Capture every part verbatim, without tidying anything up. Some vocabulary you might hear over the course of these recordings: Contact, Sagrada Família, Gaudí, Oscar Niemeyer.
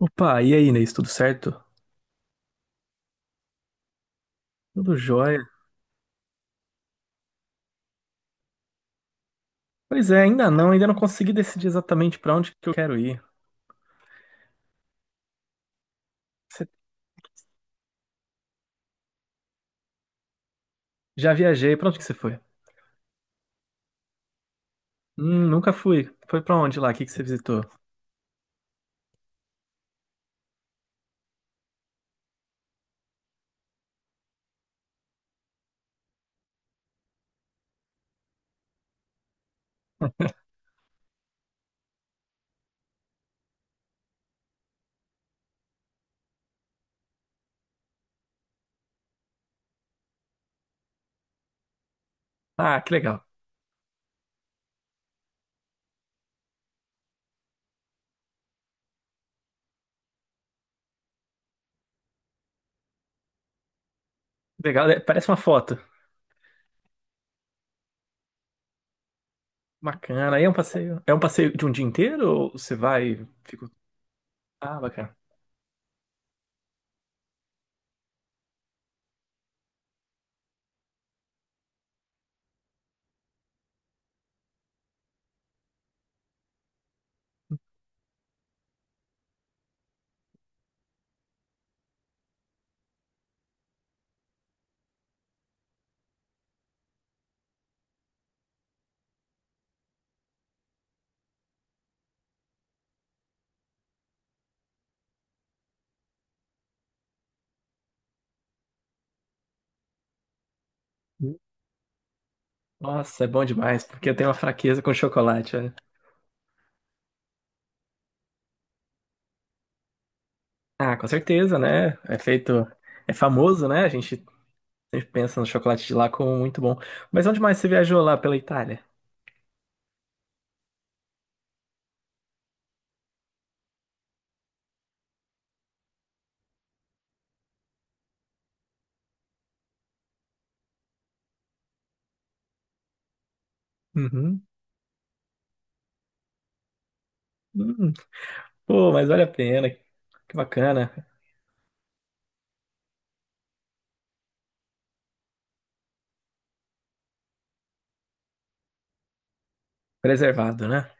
Opa, e aí, Inês, tudo certo? Tudo jóia? Pois é, ainda não, ainda não consegui decidir exatamente pra onde que eu quero ir. Você já viajei, pra onde que você foi? Hum, nunca fui. Foi pra onde lá? O que que você visitou? Ah, que legal. Legal, né? Parece uma foto. Bacana. Aí é um passeio. É um passeio de um dia inteiro ou você vai e fica. Ah, bacana. Nossa, é bom demais, porque eu tenho uma fraqueza com chocolate, olha. Ah, com certeza, né? É feito. É famoso, né? A gente sempre pensa no chocolate de lá como muito bom. Mas onde mais você viajou lá pela Itália? Uhum. Hum. Pô, mas vale a pena. Que bacana. Preservado, né?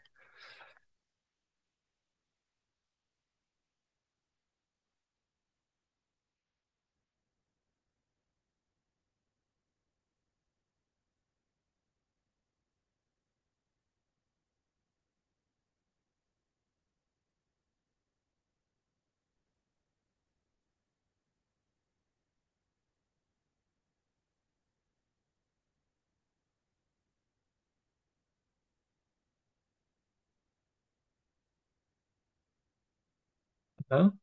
Então,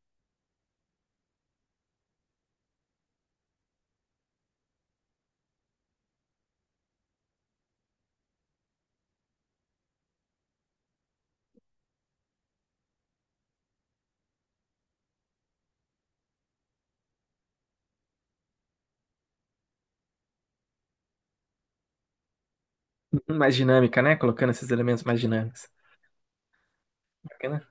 uhum, mais dinâmica, né? Colocando esses elementos mais dinâmicos. Bacana.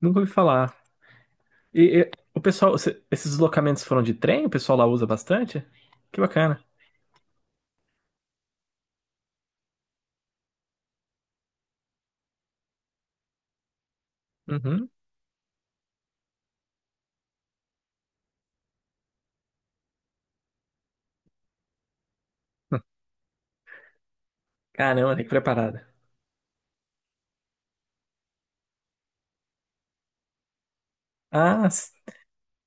Nunca ouvi falar. E, e, o pessoal, se- esses deslocamentos foram de trem? O pessoal lá usa bastante? Que bacana. Uhum. Hum. Caramba, tem que preparada. Ah, s-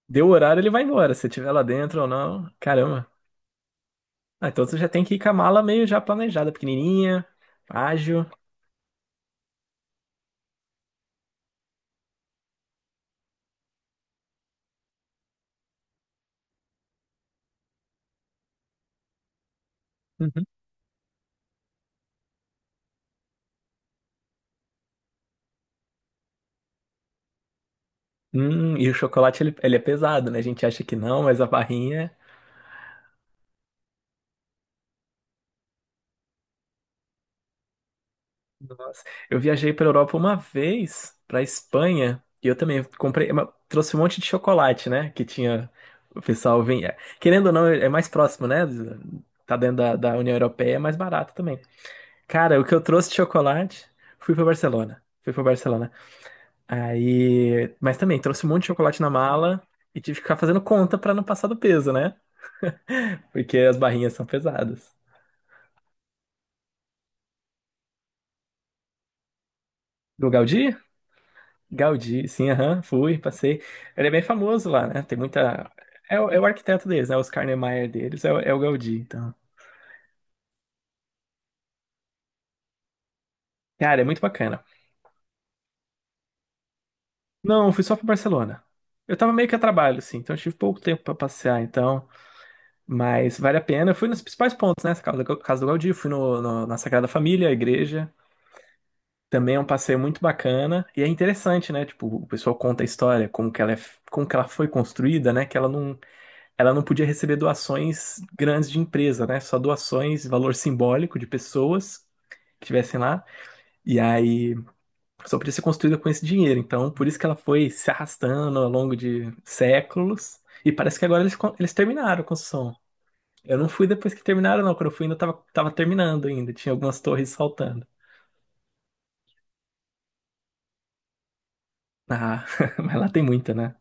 Deu o horário, ele vai embora. Se tiver lá dentro ou não. Caramba. Ah, então você já tem que ir com a mala meio já planejada, pequenininha, ágil. Uhum. Hum, e o chocolate, ele, ele é pesado, né? A gente acha que não, mas a barrinha. Nossa, eu viajei para Europa uma vez, para Espanha, e eu também comprei, ma- trouxe um monte de chocolate, né? Que tinha o pessoal vinha. Querendo ou não, é mais próximo, né? Tá dentro da, da União Europeia, é mais barato também. Cara, o que eu trouxe de chocolate, fui para Barcelona. Fui para Barcelona. Aí, mas também trouxe um monte de chocolate na mala e tive que ficar fazendo conta para não passar do peso, né? Porque as barrinhas são pesadas. Do Gaudí? Gaudí, sim, aham, fui, passei. Ele é bem famoso lá, né? Tem muita. É, o é o arquiteto deles, né? Oscar Niemeyer deles, é, o é o Gaudí, então. Cara, é muito bacana. Não, fui só pra Barcelona. Eu tava meio que a trabalho, assim, então eu tive pouco tempo pra passear, então. Mas vale a pena. Eu fui nos principais pontos, né? Casa do casa do Gaudí, fui no, no- na Sagrada Família, a igreja. Também é um passeio muito bacana. E é interessante, né? Tipo, o pessoal conta a história, como que ela, é, como que ela foi construída, né? Que ela não ela não podia receber doações grandes de empresa, né? Só doações, valor simbólico de pessoas que estivessem lá. E aí só podia ser construída com esse dinheiro. Então, por isso que ela foi se arrastando ao longo de séculos. E parece que agora eles, con- eles terminaram a construção. Eu não fui depois que terminaram, não. Quando eu fui, ainda tava, tava terminando ainda. Tinha algumas torres faltando. Ah, mas lá tem muita, né?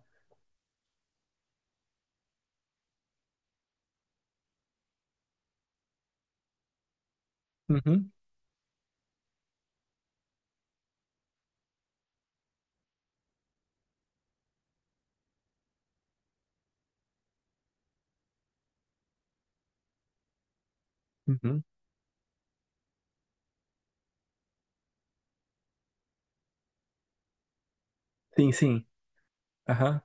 Uhum, uhum. Sim, sim. Aham.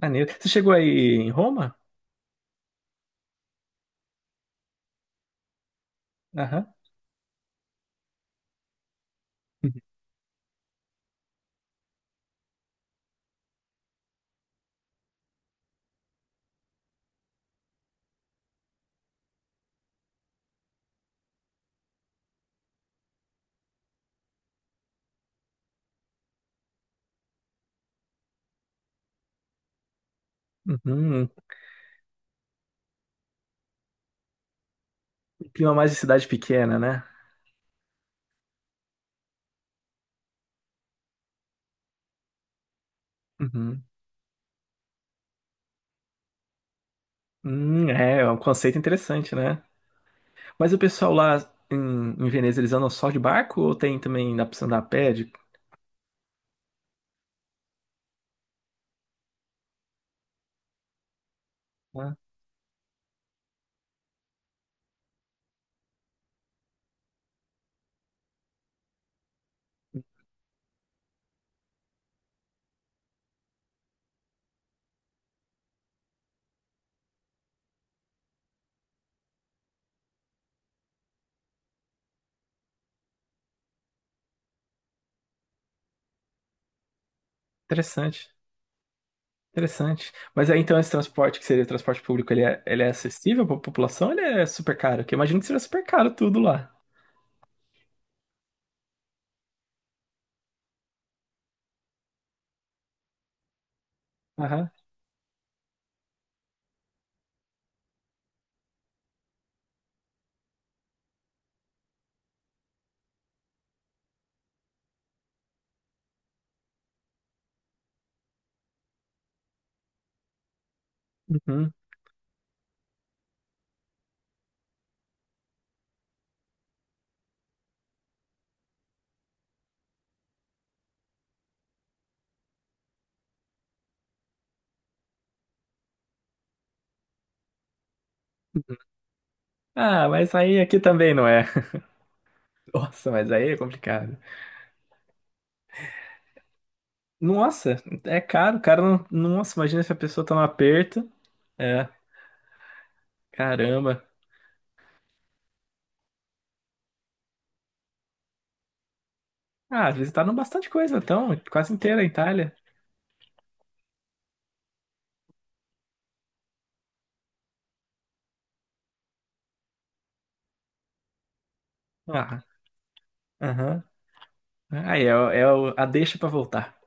Maneiro. Você chegou aí em Roma? Aham. Uhum. Uhum. Clima mais de cidade pequena, né? Uhum. Hum, é, é um conceito interessante, né? Mas o pessoal lá em, em Veneza, eles andam só de barco ou tem também dá pra você andar a pé? De- Ah, interessante, interessante. Mas aí então esse transporte, que seria o transporte público, ele é, ele é acessível pra população ou ele é super caro? Porque eu imagino que seja super caro tudo lá. Aham. Uhum. Ah, mas aí aqui também não é. Nossa, mas aí é complicado. Nossa, é caro, cara. não- Nossa, imagina se a pessoa tá no aperto. É, caramba. Ah, visitaram bastante coisa, então, quase inteira a Itália. Ah, aham. Aí é, o- é o- A deixa pra voltar.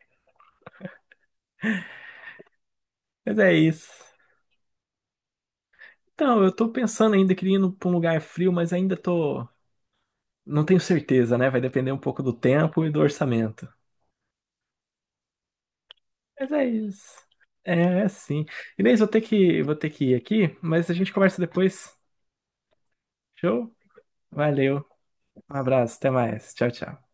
Mas é isso. Então, eu tô pensando ainda, queria ir pra um lugar frio, mas ainda tô. Não tenho certeza, né? Vai depender um pouco do tempo e do orçamento. Mas é isso. É, é sim. Inês, vou ter que, vou ter que ir aqui, mas a gente conversa depois. Show? Valeu. Um abraço, até mais. Tchau, tchau.